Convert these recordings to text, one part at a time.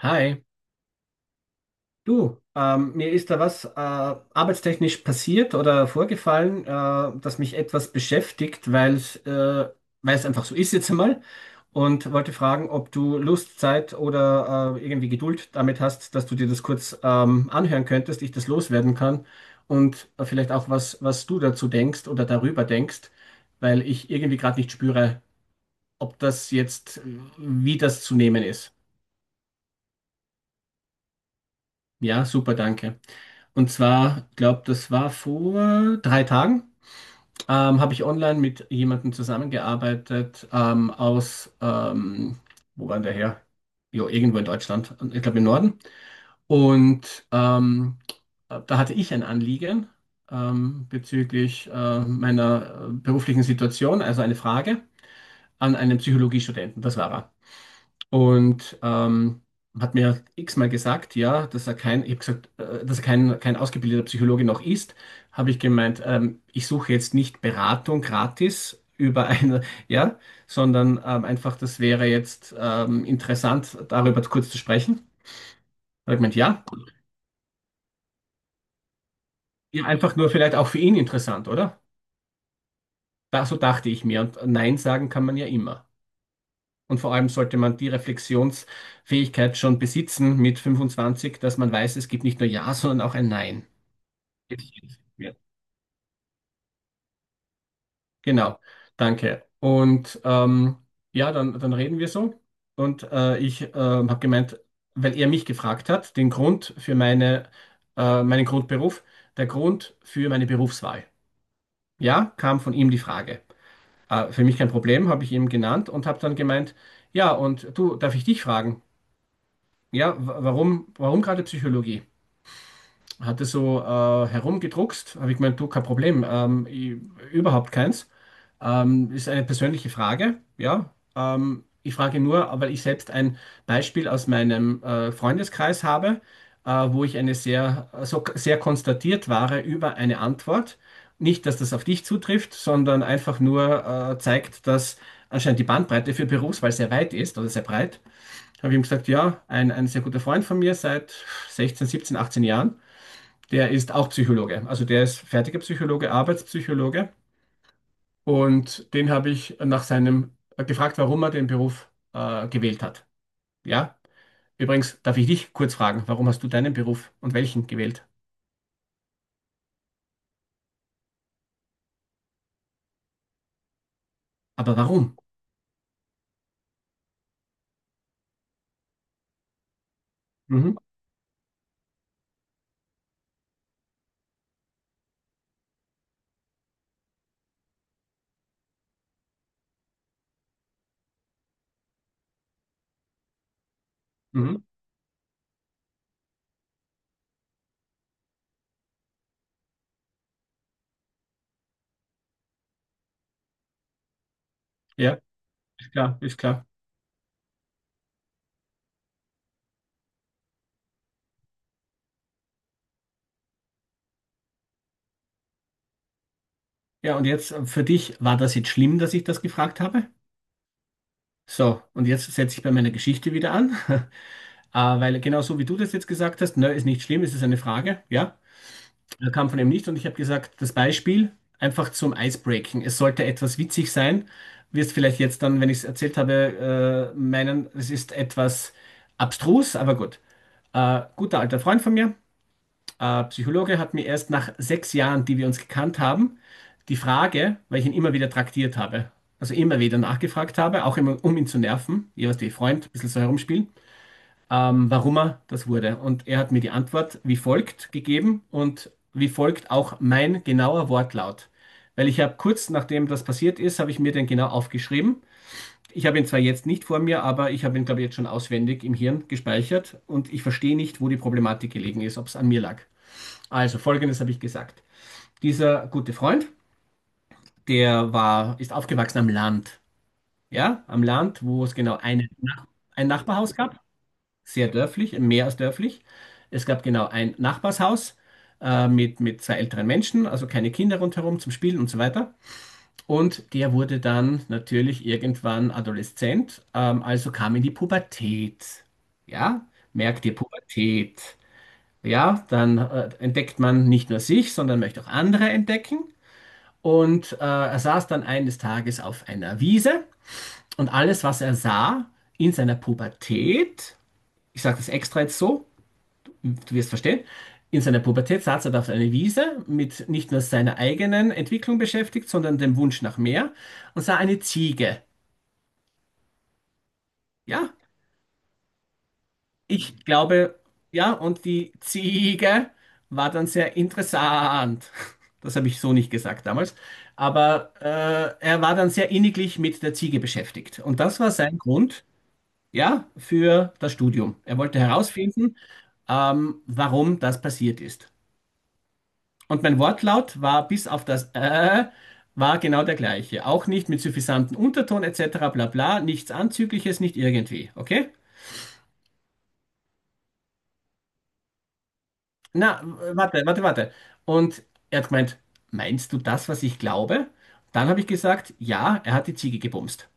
Hi, du, mir ist da was arbeitstechnisch passiert oder vorgefallen, das mich etwas beschäftigt, weil es einfach so ist jetzt einmal, und wollte fragen, ob du Lust, Zeit oder irgendwie Geduld damit hast, dass du dir das kurz anhören könntest, ich das loswerden kann und vielleicht auch was, was du dazu denkst oder darüber denkst, weil ich irgendwie gerade nicht spüre, ob das jetzt, wie das zu nehmen ist. Ja, super, danke. Und zwar, glaube, das war vor drei Tagen, habe ich online mit jemandem zusammengearbeitet aus, wo war der her? Jo, irgendwo in Deutschland, ich glaube im Norden. Und da hatte ich ein Anliegen bezüglich meiner beruflichen Situation, also eine Frage an einen Psychologiestudenten, das war er. Und hat mir x-mal gesagt, ja, dass er kein, ich habe gesagt, dass er kein ausgebildeter Psychologe noch ist, habe ich gemeint, ich suche jetzt nicht Beratung gratis über eine, ja, sondern einfach, das wäre jetzt interessant, darüber kurz zu sprechen. Hat er gemeint, ja, ja, einfach nur vielleicht auch für ihn interessant, oder? Da, so dachte ich mir. Und Nein sagen kann man ja immer. Und vor allem sollte man die Reflexionsfähigkeit schon besitzen mit 25, dass man weiß, es gibt nicht nur Ja, sondern auch ein Nein. Gezielt wird. Genau, danke. Und ja, dann reden wir so. Und ich habe gemeint, weil er mich gefragt hat, den Grund für meine, meinen Grundberuf, der Grund für meine Berufswahl. Ja, kam von ihm die Frage. Für mich kein Problem, habe ich ihm genannt und habe dann gemeint, ja, und du, darf ich dich fragen? Ja, warum, warum gerade Psychologie? Hat er so herumgedruckst, habe ich gemeint, du, kein Problem, ich, überhaupt keins. Ist eine persönliche Frage, ja. Ich frage nur, weil ich selbst ein Beispiel aus meinem Freundeskreis habe, wo ich eine sehr, so sehr konstatiert war über eine Antwort. Nicht, dass das auf dich zutrifft, sondern einfach nur zeigt, dass anscheinend die Bandbreite für Berufswahl sehr weit ist oder sehr breit. Habe ich ihm gesagt, ja, ein sehr guter Freund von mir seit 16, 17, 18 Jahren, der ist auch Psychologe. Also der ist fertiger Psychologe, Arbeitspsychologe. Und den habe ich nach seinem gefragt, warum er den Beruf gewählt hat. Ja, übrigens darf ich dich kurz fragen, warum hast du deinen Beruf und welchen gewählt? Aber warum? Mhm. Mhm. Ja, ist klar, ist klar. Ja, und jetzt für dich, war das jetzt schlimm, dass ich das gefragt habe? So, und jetzt setze ich bei meiner Geschichte wieder an, weil genau so wie du das jetzt gesagt hast, ne, ist nicht schlimm, es ist eine Frage, ja. Er kam von ihm nicht und ich habe gesagt, das Beispiel einfach zum Icebreaking. Es sollte etwas witzig sein. Wirst vielleicht jetzt dann, wenn ich es erzählt habe, meinen, es ist etwas abstrus, aber gut. Guter alter Freund von mir, Psychologe, hat mir erst nach 6 Jahren, die wir uns gekannt haben, die Frage, weil ich ihn immer wieder traktiert habe, also immer wieder nachgefragt habe, auch immer, um ihn zu nerven, jeweils die Freund, ein bisschen so herumspielen, warum er das wurde. Und er hat mir die Antwort wie folgt gegeben und wie folgt auch mein genauer Wortlaut. Weil ich habe kurz nachdem das passiert ist, habe ich mir den genau aufgeschrieben. Ich habe ihn zwar jetzt nicht vor mir, aber ich habe ihn, glaube ich, jetzt schon auswendig im Hirn gespeichert und ich verstehe nicht, wo die Problematik gelegen ist, ob es an mir lag. Also, Folgendes habe ich gesagt. Dieser gute Freund, der war, ist aufgewachsen am Land. Ja, am Land, wo es genau eine, ein Nachbarhaus gab. Sehr dörflich, mehr als dörflich. Es gab genau ein Nachbarshaus mit 2 älteren Menschen, also keine Kinder rundherum zum Spielen und so weiter. Und der wurde dann natürlich irgendwann adoleszent, also kam in die Pubertät. Ja, merkt ihr Pubertät. Ja, dann entdeckt man nicht nur sich, sondern möchte auch andere entdecken. Und er saß dann eines Tages auf einer Wiese und alles, was er sah in seiner Pubertät, ich sage das extra jetzt so, du wirst verstehen, in seiner Pubertät saß er da auf einer Wiese mit nicht nur seiner eigenen Entwicklung beschäftigt, sondern dem Wunsch nach mehr, und sah eine Ziege. Ja, ich glaube, ja, und die Ziege war dann sehr interessant. Das habe ich so nicht gesagt damals. Aber er war dann sehr inniglich mit der Ziege beschäftigt. Und das war sein Grund, ja, für das Studium. Er wollte herausfinden, warum das passiert ist. Und mein Wortlaut war bis auf das war genau der gleiche. Auch nicht mit suffisantem Unterton etc. bla bla, nichts Anzügliches, nicht irgendwie. Okay? Na, warte. Und er hat gemeint, meinst du das, was ich glaube? Dann habe ich gesagt, ja, er hat die Ziege gebumst.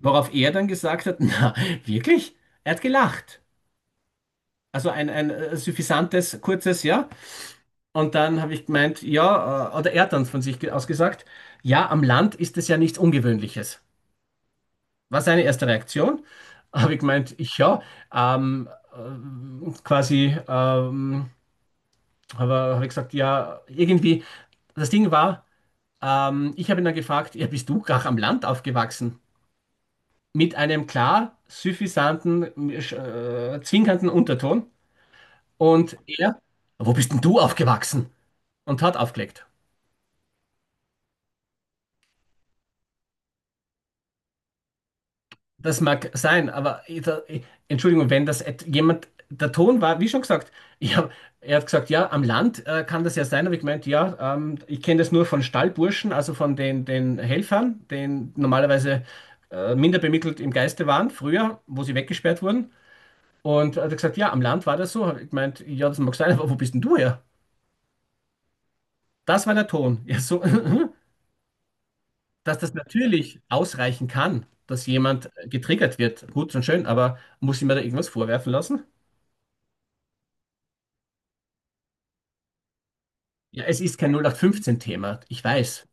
Worauf er dann gesagt hat, na, wirklich? Er hat gelacht. Also ein, ein suffisantes, kurzes Ja. Und dann habe ich gemeint, ja, oder er hat dann von sich aus gesagt, ja, am Land ist es ja nichts Ungewöhnliches. War seine erste Reaktion. Habe ich gemeint, ich ja. Ähm, quasi hab ich gesagt, ja, irgendwie. Das Ding war, ich habe ihn dann gefragt, ja, bist du gar am Land aufgewachsen? Mit einem klar suffisanten, zwinkernden Unterton. Und er, wo bist denn du aufgewachsen? Und hat aufgelegt. Das mag sein, aber Entschuldigung, wenn das jemand, der Ton war, wie schon gesagt, ich hab, er hat gesagt, ja, am Land kann das ja sein, aber ich meint, ja, ich kenne das nur von Stallburschen, also von den Helfern, den normalerweise minder bemittelt im Geiste waren, früher, wo sie weggesperrt wurden. Und er hat gesagt, ja, am Land war das so. Hab Ich meint, ja, das mag sein, aber wo bist denn du her? Das war der Ton. Ja, so, dass das natürlich ausreichen kann, dass jemand getriggert wird, gut und schön, aber muss ich mir da irgendwas vorwerfen lassen? Ja, es ist kein 0815-Thema, ich weiß.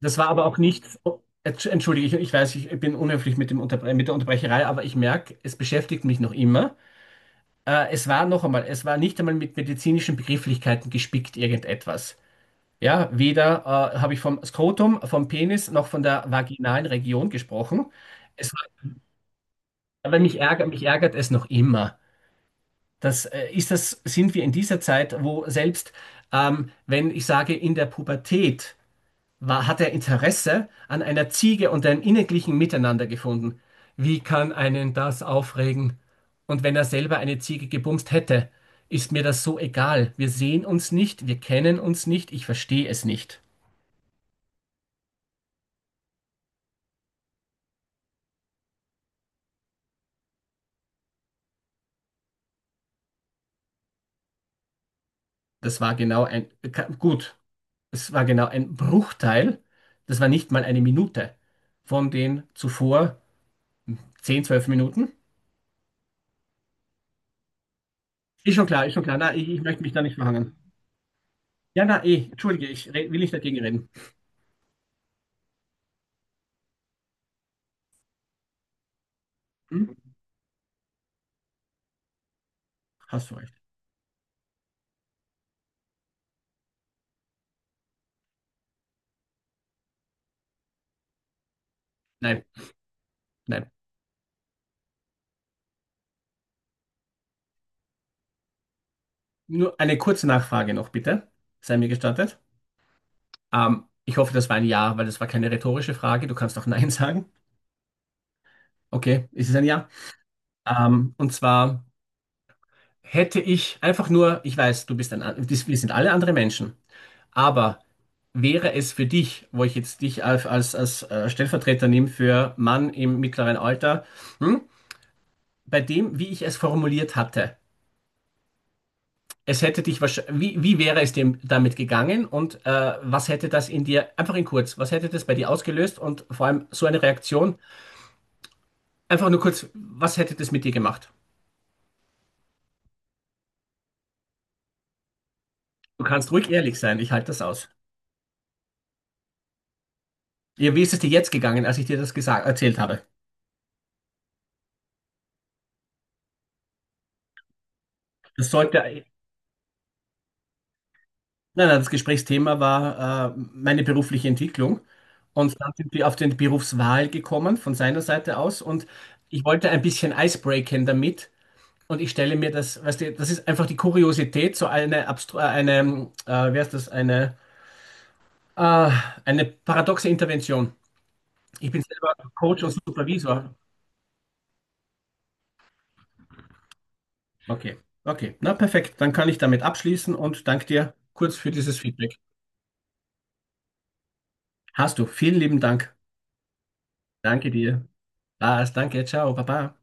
Das war aber auch nichts. Oh, entschuldige, ich weiß, ich bin unhöflich mit dem Unterbre mit der Unterbrecherei, aber ich merke, es beschäftigt mich noch immer. Es war noch einmal, es war nicht einmal mit medizinischen Begrifflichkeiten gespickt, irgendetwas. Ja, weder habe ich vom Skrotum, vom Penis noch von der vaginalen Region gesprochen. Es war, aber mich ärgert es noch immer. Das, ist das, sind wir in dieser Zeit, wo selbst wenn ich sage in der Pubertät, war, hat er Interesse an einer Ziege und einem inniglichen Miteinander gefunden. Wie kann einen das aufregen? Und wenn er selber eine Ziege gebumst hätte, ist mir das so egal. Wir sehen uns nicht, wir kennen uns nicht, ich verstehe es nicht. Das war genau ein, gut, es war genau ein Bruchteil, das war nicht mal eine Minute von den zuvor 10 12 Minuten. Ist schon klar, ist schon klar. Na, ich möchte mich da nicht verhangen. Ja, na, eh, entschuldige, ich will nicht dagegen reden. Hm? Hast du recht. Nein, nein. Nur eine kurze Nachfrage noch, bitte. Sei mir gestattet. Ich hoffe, das war ein Ja, weil das war keine rhetorische Frage. Du kannst auch Nein sagen. Okay, ist es ein Ja? Und zwar hätte ich einfach nur, ich weiß, du bist ein, wir sind alle andere Menschen, aber wäre es für dich, wo ich jetzt dich als Stellvertreter nehme für Mann im mittleren Alter, hm, bei dem, wie ich es formuliert hatte, es hätte dich wahrscheinlich, wie, wie wäre es dem damit gegangen und was hätte das in dir, einfach in kurz, was hätte das bei dir ausgelöst und vor allem so eine Reaktion, einfach nur kurz, was hätte das mit dir gemacht? Du kannst ruhig ehrlich sein, ich halte das aus. Ja, wie ist es dir jetzt gegangen, als ich dir das gesagt, erzählt habe? Das sollte, nein, nein, das Gesprächsthema war meine berufliche Entwicklung, und dann sind wir auf den Berufswahl gekommen von seiner Seite aus, und ich wollte ein bisschen Eis breaken damit. Und ich stelle mir das, weißt du, das ist einfach die Kuriosität, so eine, eine wer ist das, äh, eine paradoxe Intervention. Ich bin selber Coach und Supervisor. Okay, okay, na perfekt. Dann kann ich damit abschließen und danke dir kurz für dieses Feedback. Hast du. Vielen lieben Dank. Danke dir. Lars, danke. Ciao, Baba.